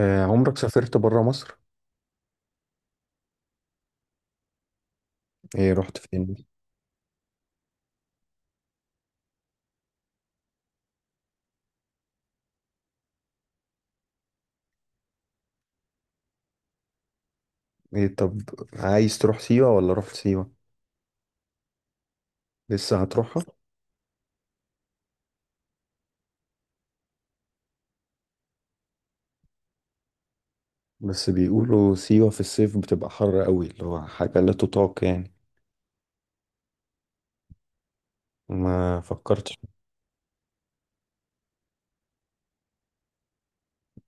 عمرك سافرت برا مصر؟ ايه رحت فين؟ ايه طب. عايز تروح سيوة ولا رحت سيوة؟ لسه هتروحها. بس بيقولوا سيوة في الصيف بتبقى حر قوي اللي هو حاجة لا تطاق يعني. ما فكرتش.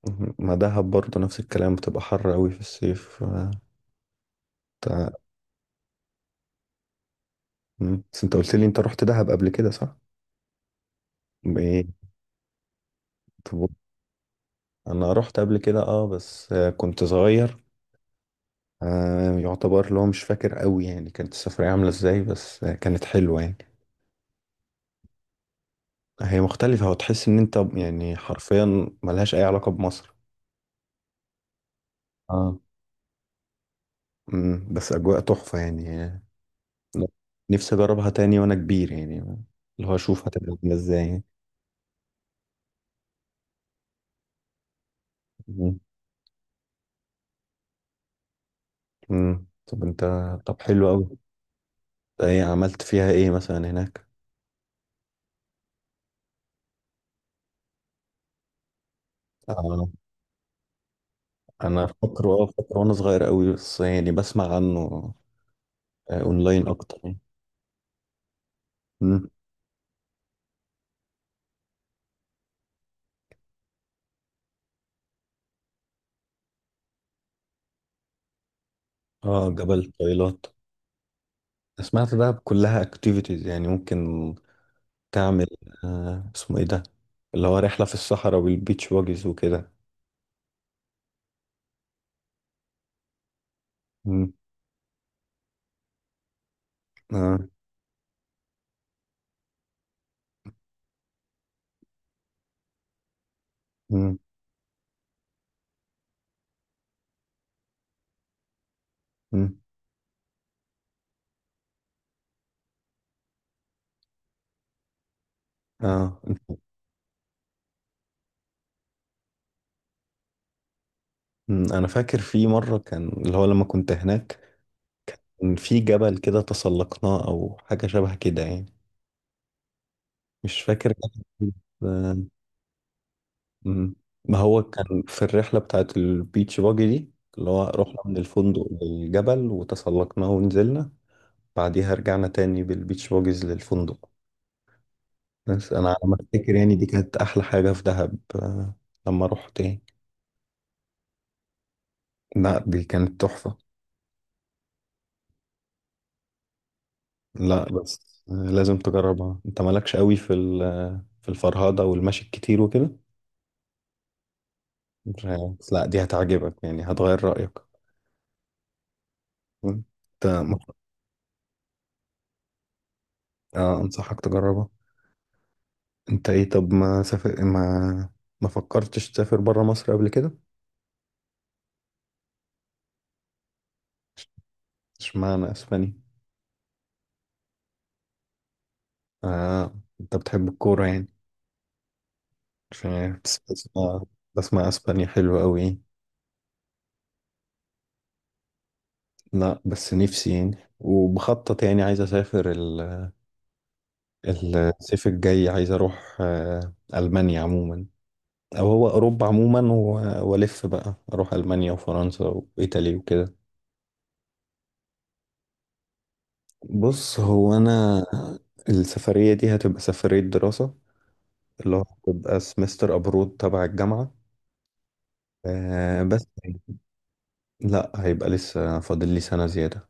مهم. ما دهب برضه نفس الكلام، بتبقى حر قوي في الصيف تع- مم. بس انت قلت لي انت رحت دهب قبل كده، صح؟ ايه طب. انا رحت قبل كده اه بس كنت صغير. يعتبر اللي هو مش فاكر قوي يعني، كانت السفرية عاملة ازاي، بس كانت حلوة يعني. هي مختلفة وتحس إن أنت يعني حرفيا ملهاش أي علاقة بمصر. اه. بس أجواء تحفة يعني. نفسي أجربها تاني وأنا كبير يعني، اللي هو أشوف هتبقى عاملة إزاي يعني. مم. طب أنت. طب حلو أوي. أنت إيه عملت فيها إيه مثلا هناك؟ آه، أنا فاكره وأنا صغير أوي، بس يعني بسمع عنه أونلاين أكتر يعني. أمم. أه، جبل طويلات. سمعت ده كلها أكتيفيتيز يعني ممكن تعمل. اسمه ايه ده، اللي هو رحلة في الصحراء والبيتش باجز وكده؟ مم. آه. مم. مم. آه. مم. انا فاكر في مرة كان اللي هو لما كنت هناك، كان في جبل كده تسلقناه او حاجة شبه كده يعني. مش فاكر كان إيه. آه. مم. ما هو كان في الرحلة بتاعت البيتش باجي دي، اللي هو رحنا من الفندق للجبل وتسلقناه ونزلنا، بعديها رجعنا تاني بالبيتش باجز للفندق. بس انا على ما افتكر يعني، دي كانت احلى حاجه في دهب لما رحت يعني. لا، دي كانت تحفه. لا بس لازم تجربها، انت مالكش قوي في في الفرهده والمشي الكتير وكده. مش عارف. بس لا، دي هتعجبك يعني، هتغير رايك. انت انصحك تجربها. انت ايه طب ما سافر ما ما فكرتش تسافر بره مصر قبل كده؟ اشمعنى اسبانيا؟ آه. انت بتحب الكوره يعني؟ مش عارف، بس بسمع اسبانيا حلوه قوي. لا بس نفسي يعني وبخطط يعني، عايز اسافر الصيف الجاي، عايز اروح المانيا عموما. او هو اوروبا عموما والف بقى اروح المانيا وفرنسا وايطاليا وكده. بص، هو انا السفريه دي هتبقى سفريه دراسه، اللي هو هتبقى سمستر ابرود تبع الجامعه. بس لا، هيبقى لسه فاضل لي سنه زياده.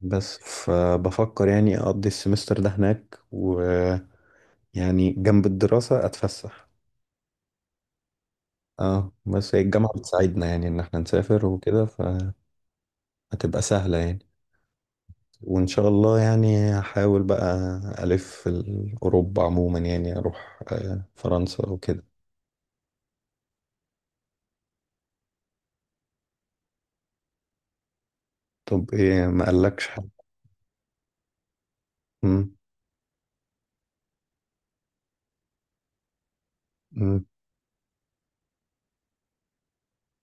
بس فبفكر يعني اقضي السمستر ده هناك ويعني، جنب الدراسه اتفسح. اه بس هي الجامعة بتساعدنا يعني ان احنا نسافر وكده، فهتبقى سهلة يعني. وان شاء الله يعني هحاول بقى. الف في اوروبا عموما يعني، اروح فرنسا وكده. طب ايه، ما قالكش حاجة؟ مم. مم.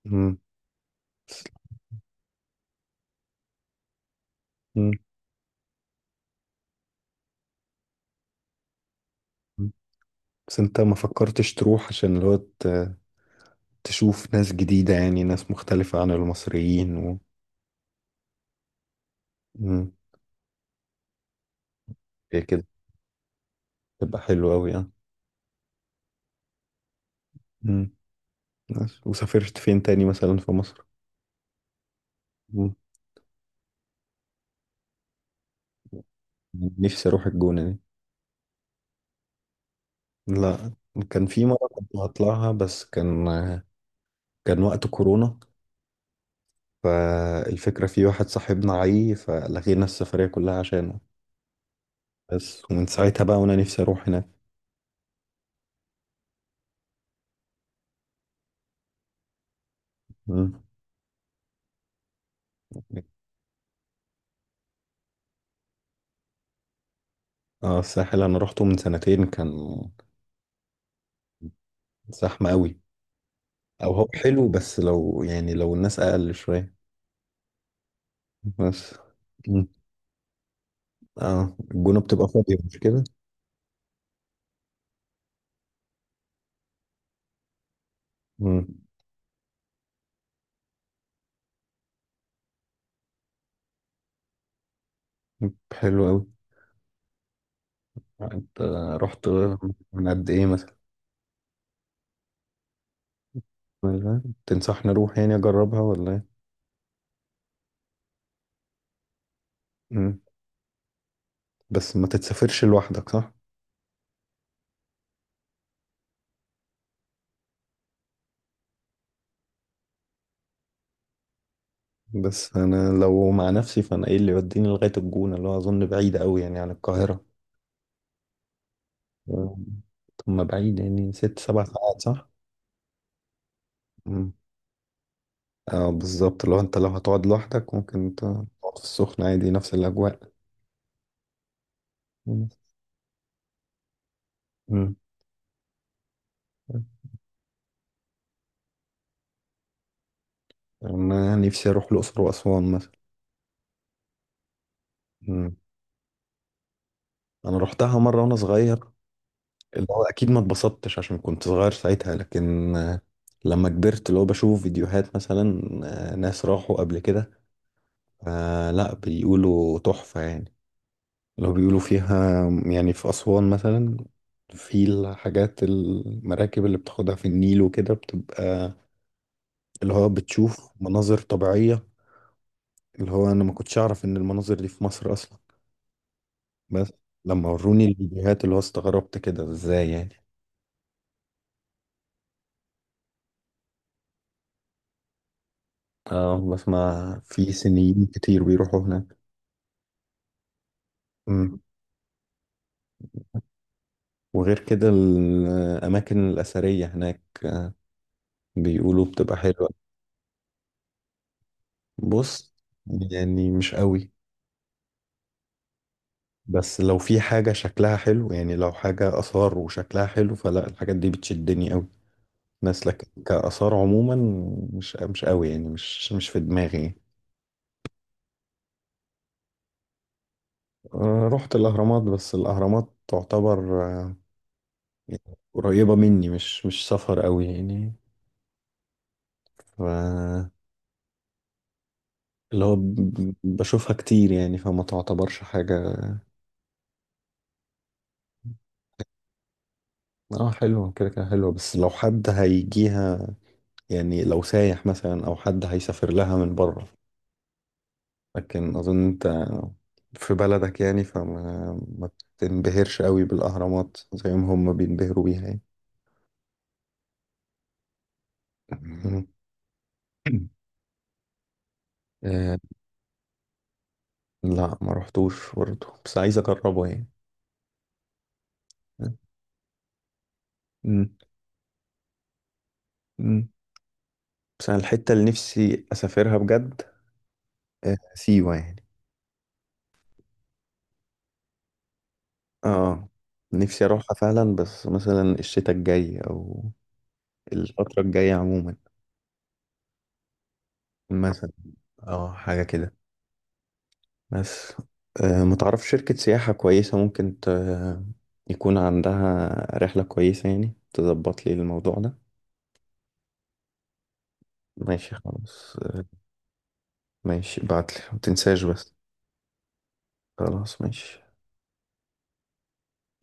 مم. مم. مم. بس انت ما فكرتش تروح عشان اللي هو تشوف ناس جديدة يعني، ناس مختلفة عن المصريين و... مم. هي كده تبقى حلوة اوي اه. مم. بس. وسافرت فين تاني مثلا في مصر؟ مم. نفسي اروح الجونة. لا. كان في مرة كنت هطلعها بس كان وقت كورونا، فالفكرة في واحد صاحبنا عي فلغينا السفرية كلها عشانه. بس، ومن ساعتها بقى وانا نفسي اروح هناك. مم. اه، الساحل انا روحته من سنتين، كان زحمة قوي. او هو حلو، بس لو يعني، لو الناس اقل شوية. بس. مم. اه، الجونة بتبقى فاضية، مش كده؟ مم. حلو قوي. انت رحت من قد ايه مثلا؟ تنصحني اروح يعني اجربها ولا ايه؟ مم. بس ما تتسافرش لوحدك، صح؟ بس انا لو مع نفسي، فانا ايه اللي يوديني لغايه الجونه، اللي هو اظن بعيد قوي يعني عن القاهره. مم. طب، ما بعيد يعني 6 7 ساعات، صح؟ مم. اه، بالظبط، لو هتقعد لوحدك ممكن تقعد في السخنه عادي، نفس الاجواء. مم. مم. انا نفسي اروح الاقصر واسوان مثلا. مم. انا روحتها مره وانا صغير، اللي هو اكيد ما اتبسطتش عشان كنت صغير ساعتها، لكن لما كبرت اللي هو بشوف فيديوهات مثلا، ناس راحوا قبل كده. لا، بيقولوا تحفة يعني. اللي هو بيقولوا فيها يعني في أسوان مثلا، في الحاجات المراكب اللي بتاخدها في النيل وكده، بتبقى اللي هو بتشوف مناظر طبيعية، اللي هو أنا ما كنتش أعرف إن المناظر دي في مصر أصلا. بس لما وروني الفيديوهات اللي هو استغربت كده، إزاي يعني. اه، بسمع في سنيين كتير بيروحوا هناك. مم. وغير كده الأماكن الأثرية هناك بيقولوا بتبقى حلوة. بص، يعني مش قوي. بس لو في حاجة شكلها حلو يعني، لو حاجة آثار وشكلها حلو، فلا، الحاجات دي بتشدني قوي. ناس لك كآثار عموما مش قوي يعني، مش في دماغي يعني. رحت الأهرامات، بس الأهرامات تعتبر يعني قريبة مني، مش سفر قوي يعني. ف اللي هو بشوفها كتير يعني، فما تعتبرش حاجة. اه حلوة كده كده حلوة، بس لو حد هيجيها يعني، لو سايح مثلا أو حد هيسافر لها من بره. لكن أظن أنت في بلدك يعني، فما ما تنبهرش قوي بالأهرامات زي ما هم بينبهروا بيها يعني. مم. آه، لا، ما رحتوش برضه، بس عايز أجربه يعني. مم. مم. بس أنا الحتة اللي نفسي أسافرها بجد سيوة يعني. اه. نفسي أروحها فعلا بس مثلا الشتاء الجاي، أو الفترة الجاية عموما مثلا. اه، حاجة كده. بس ما تعرف شركة سياحة كويسة ممكن يكون عندها رحلة كويسة يعني، تظبط لي الموضوع ده. ماشي، خلاص. ماشي، بعتلي ما تنساش بس. خلاص، ماشي.